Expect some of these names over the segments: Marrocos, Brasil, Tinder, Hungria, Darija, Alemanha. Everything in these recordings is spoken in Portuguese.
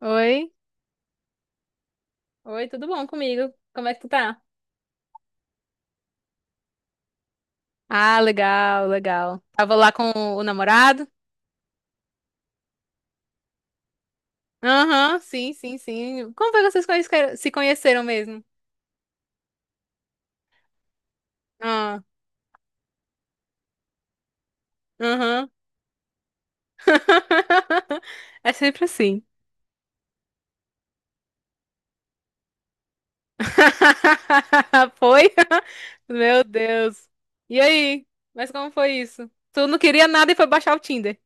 Oi? Oi, tudo bom comigo? Como é que tu tá? Ah, legal, legal. Tava lá com o namorado? Aham, sim, sim, sim. Como foi que se conheceram mesmo? Ah, aham. É sempre assim. Foi? Meu Deus. E aí? Mas como foi isso? Tu não queria nada e foi baixar o Tinder.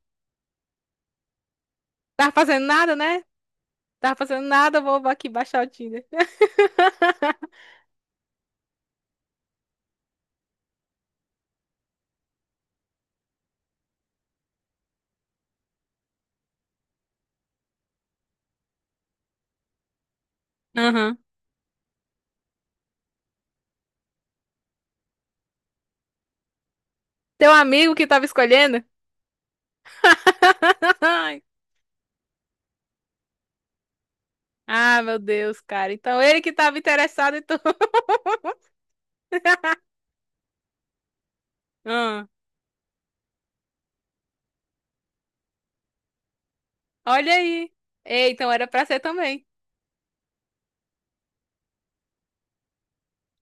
Tava fazendo nada, né? Tava fazendo nada, vou aqui baixar o Tinder. Aham. Teu amigo que tava escolhendo? Ai. Ah, meu Deus, cara. Então ele que tava interessado, então. Ah, olha aí. Ei, então era pra ser também.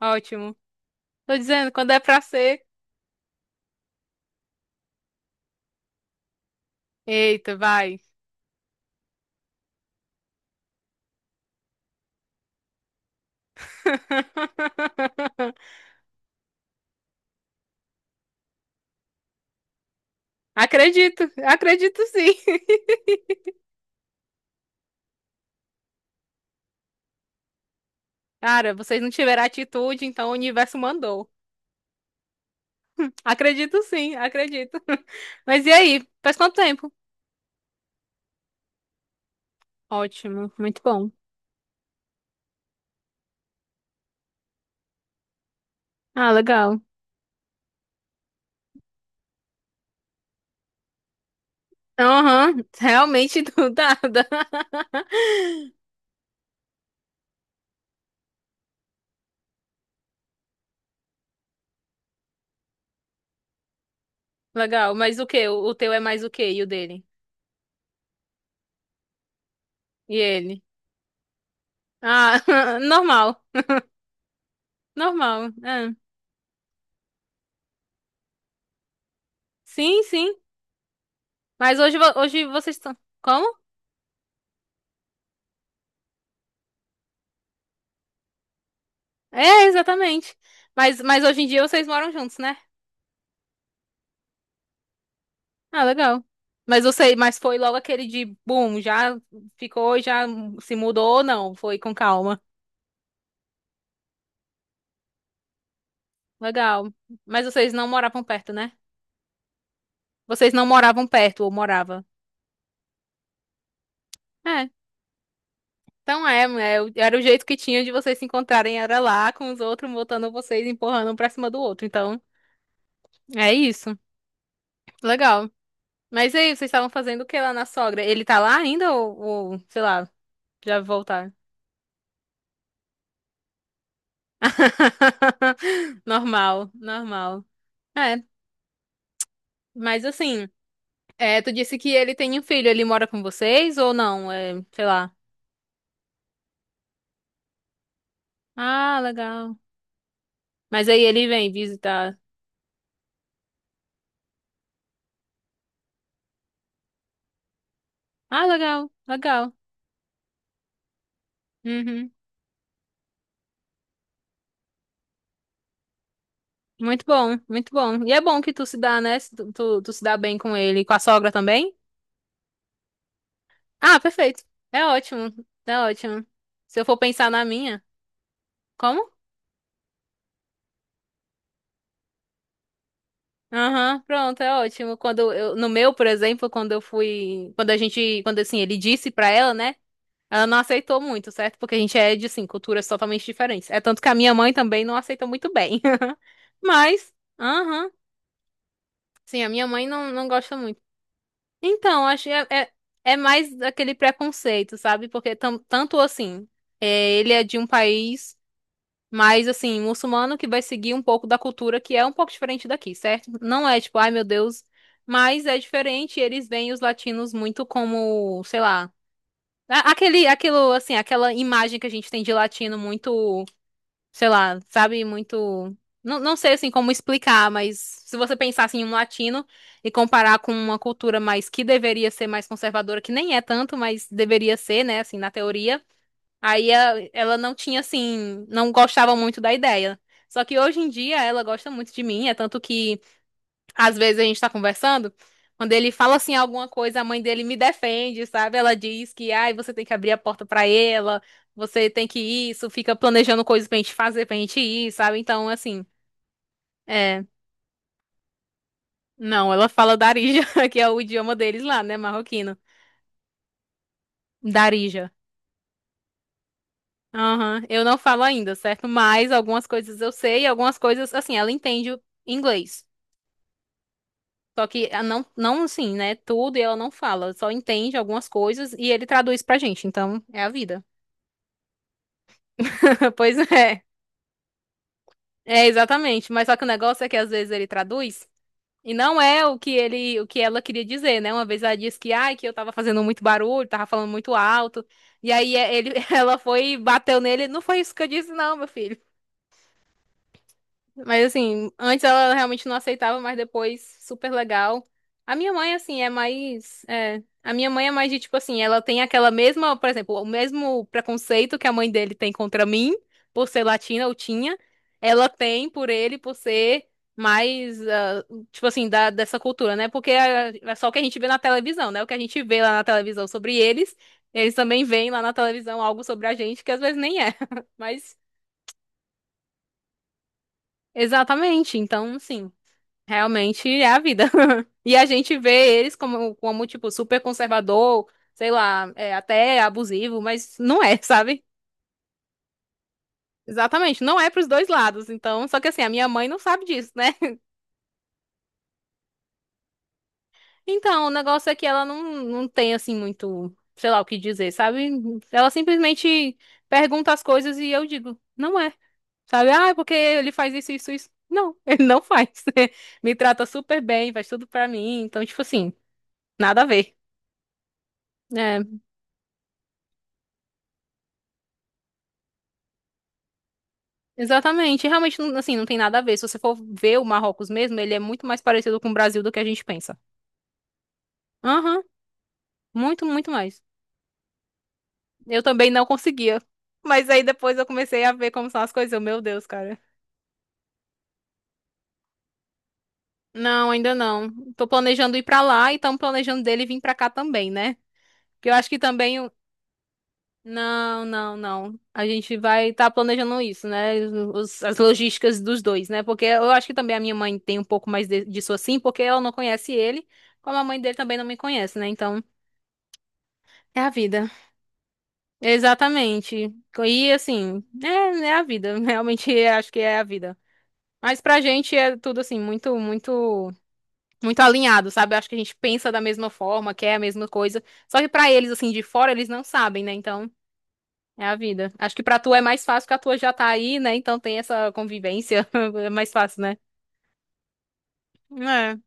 Ótimo. Tô dizendo, quando é pra ser. Eita, vai. Acredito, acredito sim. Cara, vocês não tiveram atitude, então o universo mandou. Acredito sim, acredito. Mas e aí? Faz quanto tempo? Ótimo, muito bom. Ah, legal. Aham, realmente do nada. Legal, mas o quê? O teu é mais o quê? E o dele? E ele? Ah, normal. Normal. É. Sim, sim. Mas hoje, hoje vocês estão. Como? É, exatamente. Mas hoje em dia vocês moram juntos, né? Ah, legal. Mas você, mas foi logo aquele de boom, já ficou, já se mudou ou não? Foi com calma. Legal. Mas vocês não moravam perto, né? Vocês não moravam perto ou morava? É. Então era o jeito que tinha de vocês se encontrarem, era lá com os outros, botando vocês, empurrando um pra cima do outro. Então, é isso. Legal. Mas e aí, vocês estavam fazendo o que lá na sogra? Ele tá lá ainda ou sei lá, já voltaram? Normal, normal. É, mas assim, é, tu disse que ele tem um filho, ele mora com vocês ou não? É, sei lá. Ah, legal. Mas aí ele vem visitar. Ah, legal, legal. Uhum. Muito bom, muito bom. E é bom que tu se dá, né? Se Tu, tu se dá bem com ele. Com a sogra também? Ah, perfeito. É ótimo, é ótimo. Se eu for pensar na minha, como? Aham, pronto, é ótimo. Quando eu, no meu, por exemplo, quando eu fui, quando a gente, quando assim, ele disse pra ela, né? Ela não aceitou muito, certo? Porque a gente é de, assim, culturas totalmente diferentes. É tanto que a minha mãe também não aceitou muito bem. Mas, aham, sim, a minha mãe não gosta muito. Então, acho que é mais aquele preconceito, sabe? Porque tanto assim, é, ele é de um país mais assim, muçulmano que vai seguir um pouco da cultura que é um pouco diferente daqui, certo? Não é tipo, ai meu Deus, mas é diferente, eles veem os latinos muito como, sei lá, aquele, aquilo assim, aquela imagem que a gente tem de latino muito sei lá, sabe, muito. Não, não sei assim como explicar, mas se você pensasse em um latino e comparar com uma cultura mais que deveria ser mais conservadora, que nem é tanto, mas deveria ser, né, assim, na teoria, aí ela não tinha assim, não gostava muito da ideia. Só que hoje em dia ela gosta muito de mim, é tanto que às vezes a gente tá conversando, quando ele fala assim alguma coisa, a mãe dele me defende, sabe? Ela diz que, ai, você tem que abrir a porta pra ela, você tem que isso, fica planejando coisas pra gente fazer, pra gente ir, sabe? Então, assim, é. Não, ela fala Darija, que é o idioma deles lá, né, marroquino. Darija. Aham, eu não falo ainda, certo? Mas algumas coisas eu sei, algumas coisas, assim, ela entende o inglês. Só que ah, não assim, né? Tudo e ela não fala, só entende algumas coisas e ele traduz pra gente. Então, é a vida. Pois é. É, exatamente. Mas só que o negócio é que às vezes ele traduz e não é o que ele, o que ela queria dizer, né? Uma vez ela disse que, ai, que eu tava fazendo muito barulho, tava falando muito alto. E aí é, ele, ela foi e bateu nele. Não foi isso que eu disse, não, meu filho. Mas assim, antes ela realmente não aceitava, mas depois super legal. A minha mãe, assim, é mais. É, a minha mãe é mais de tipo assim, ela tem aquela mesma, por exemplo, o mesmo preconceito que a mãe dele tem contra mim, por ser latina ou tinha, ela tem por ele, por ser mais, ah, tipo assim, dessa cultura, né? Porque é só o que a gente vê na televisão, né? O que a gente vê lá na televisão sobre eles, eles também veem lá na televisão algo sobre a gente que às vezes nem é. Mas. Exatamente, então, sim. Realmente é a vida. E a gente vê eles como, como tipo, super conservador, sei lá, é, até abusivo, mas não é, sabe? Exatamente, não é pros dois lados. Então, só que assim, a minha mãe não sabe disso, né? Então, o negócio é que ela não tem, assim, muito, sei lá, o que dizer, sabe? Ela simplesmente pergunta as coisas e eu digo, não é. Sabe? Ah, é porque ele faz isso, isso, isso. Não, ele não faz. Me trata super bem, faz tudo pra mim. Então, tipo assim, nada a ver. É, exatamente. E realmente, assim, não tem nada a ver. Se você for ver o Marrocos mesmo, ele é muito mais parecido com o Brasil do que a gente pensa. Aham, muito, muito mais. Eu também não conseguia. Mas aí depois eu comecei a ver como são as coisas. Eu, meu Deus, cara. Não, ainda não. Tô planejando ir pra lá e tão planejando dele vir pra cá também, né? Porque eu acho que também não, não, não. A gente vai estar planejando isso, né? As logísticas dos dois, né? Porque eu acho que também a minha mãe tem um pouco mais disso assim, porque ela não conhece ele, como a mãe dele também não me conhece, né? Então, é a vida. Exatamente. E assim, é, é a vida. Realmente acho que é a vida. Mas pra gente é tudo assim, muito alinhado, sabe? Acho que a gente pensa da mesma forma, quer a mesma coisa. Só que pra eles, assim, de fora, eles não sabem, né? Então. É a vida. Acho que pra tu é mais fácil que a tua já tá aí, né? Então tem essa convivência. É mais fácil, né? É,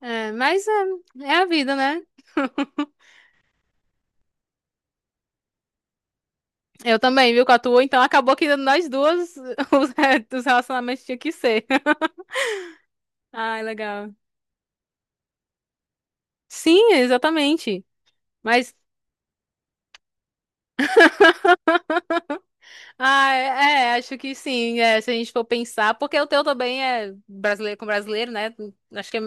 mas é, é a vida, né? Eu também, viu, com a tua. Então acabou que nós duas, os, os relacionamentos tinham que ser. Ai, legal. Sim, exatamente. Mas, ah, é, é, acho que sim, é, se a gente for pensar, porque o teu também é brasileiro com brasileiro, né? Acho que é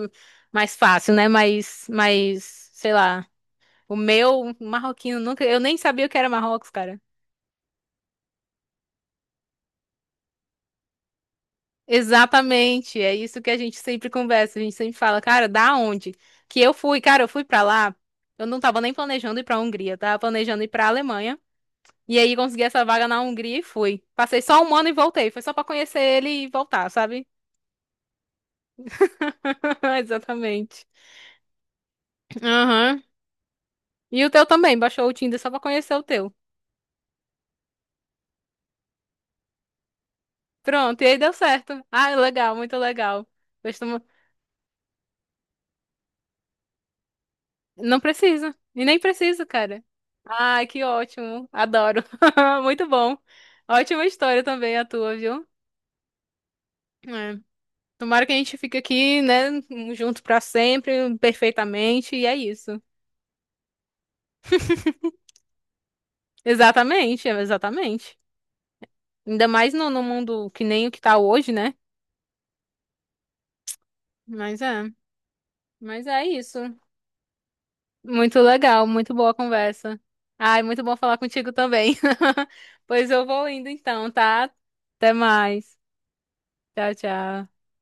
mais fácil, né? Mas sei lá. O meu marroquino nunca. Eu nem sabia o que era Marrocos, cara. Exatamente. É isso que a gente sempre conversa. A gente sempre fala, cara, da onde? Que eu fui, cara, eu fui pra lá. Eu não tava nem planejando ir pra Hungria, eu tava planejando ir pra Alemanha. E aí consegui essa vaga na Hungria e fui. Passei só um ano e voltei. Foi só pra conhecer ele e voltar, sabe? Exatamente. Aham. E o teu também, baixou o Tinder só pra conhecer o teu. Pronto, e aí deu certo. Ah, legal, muito legal. Não precisa. E nem precisa, cara. Ai, que ótimo. Adoro. Muito bom. Ótima história também a tua, viu? É. Tomara que a gente fique aqui, né, junto pra sempre, perfeitamente, e é isso. Exatamente, é, exatamente. Ainda mais no mundo que nem o que tá hoje, né? Mas é, mas é isso. Muito legal, muito boa a conversa. Ai, muito bom falar contigo também. Pois eu vou indo então, tá? Até mais. Tchau, tchau.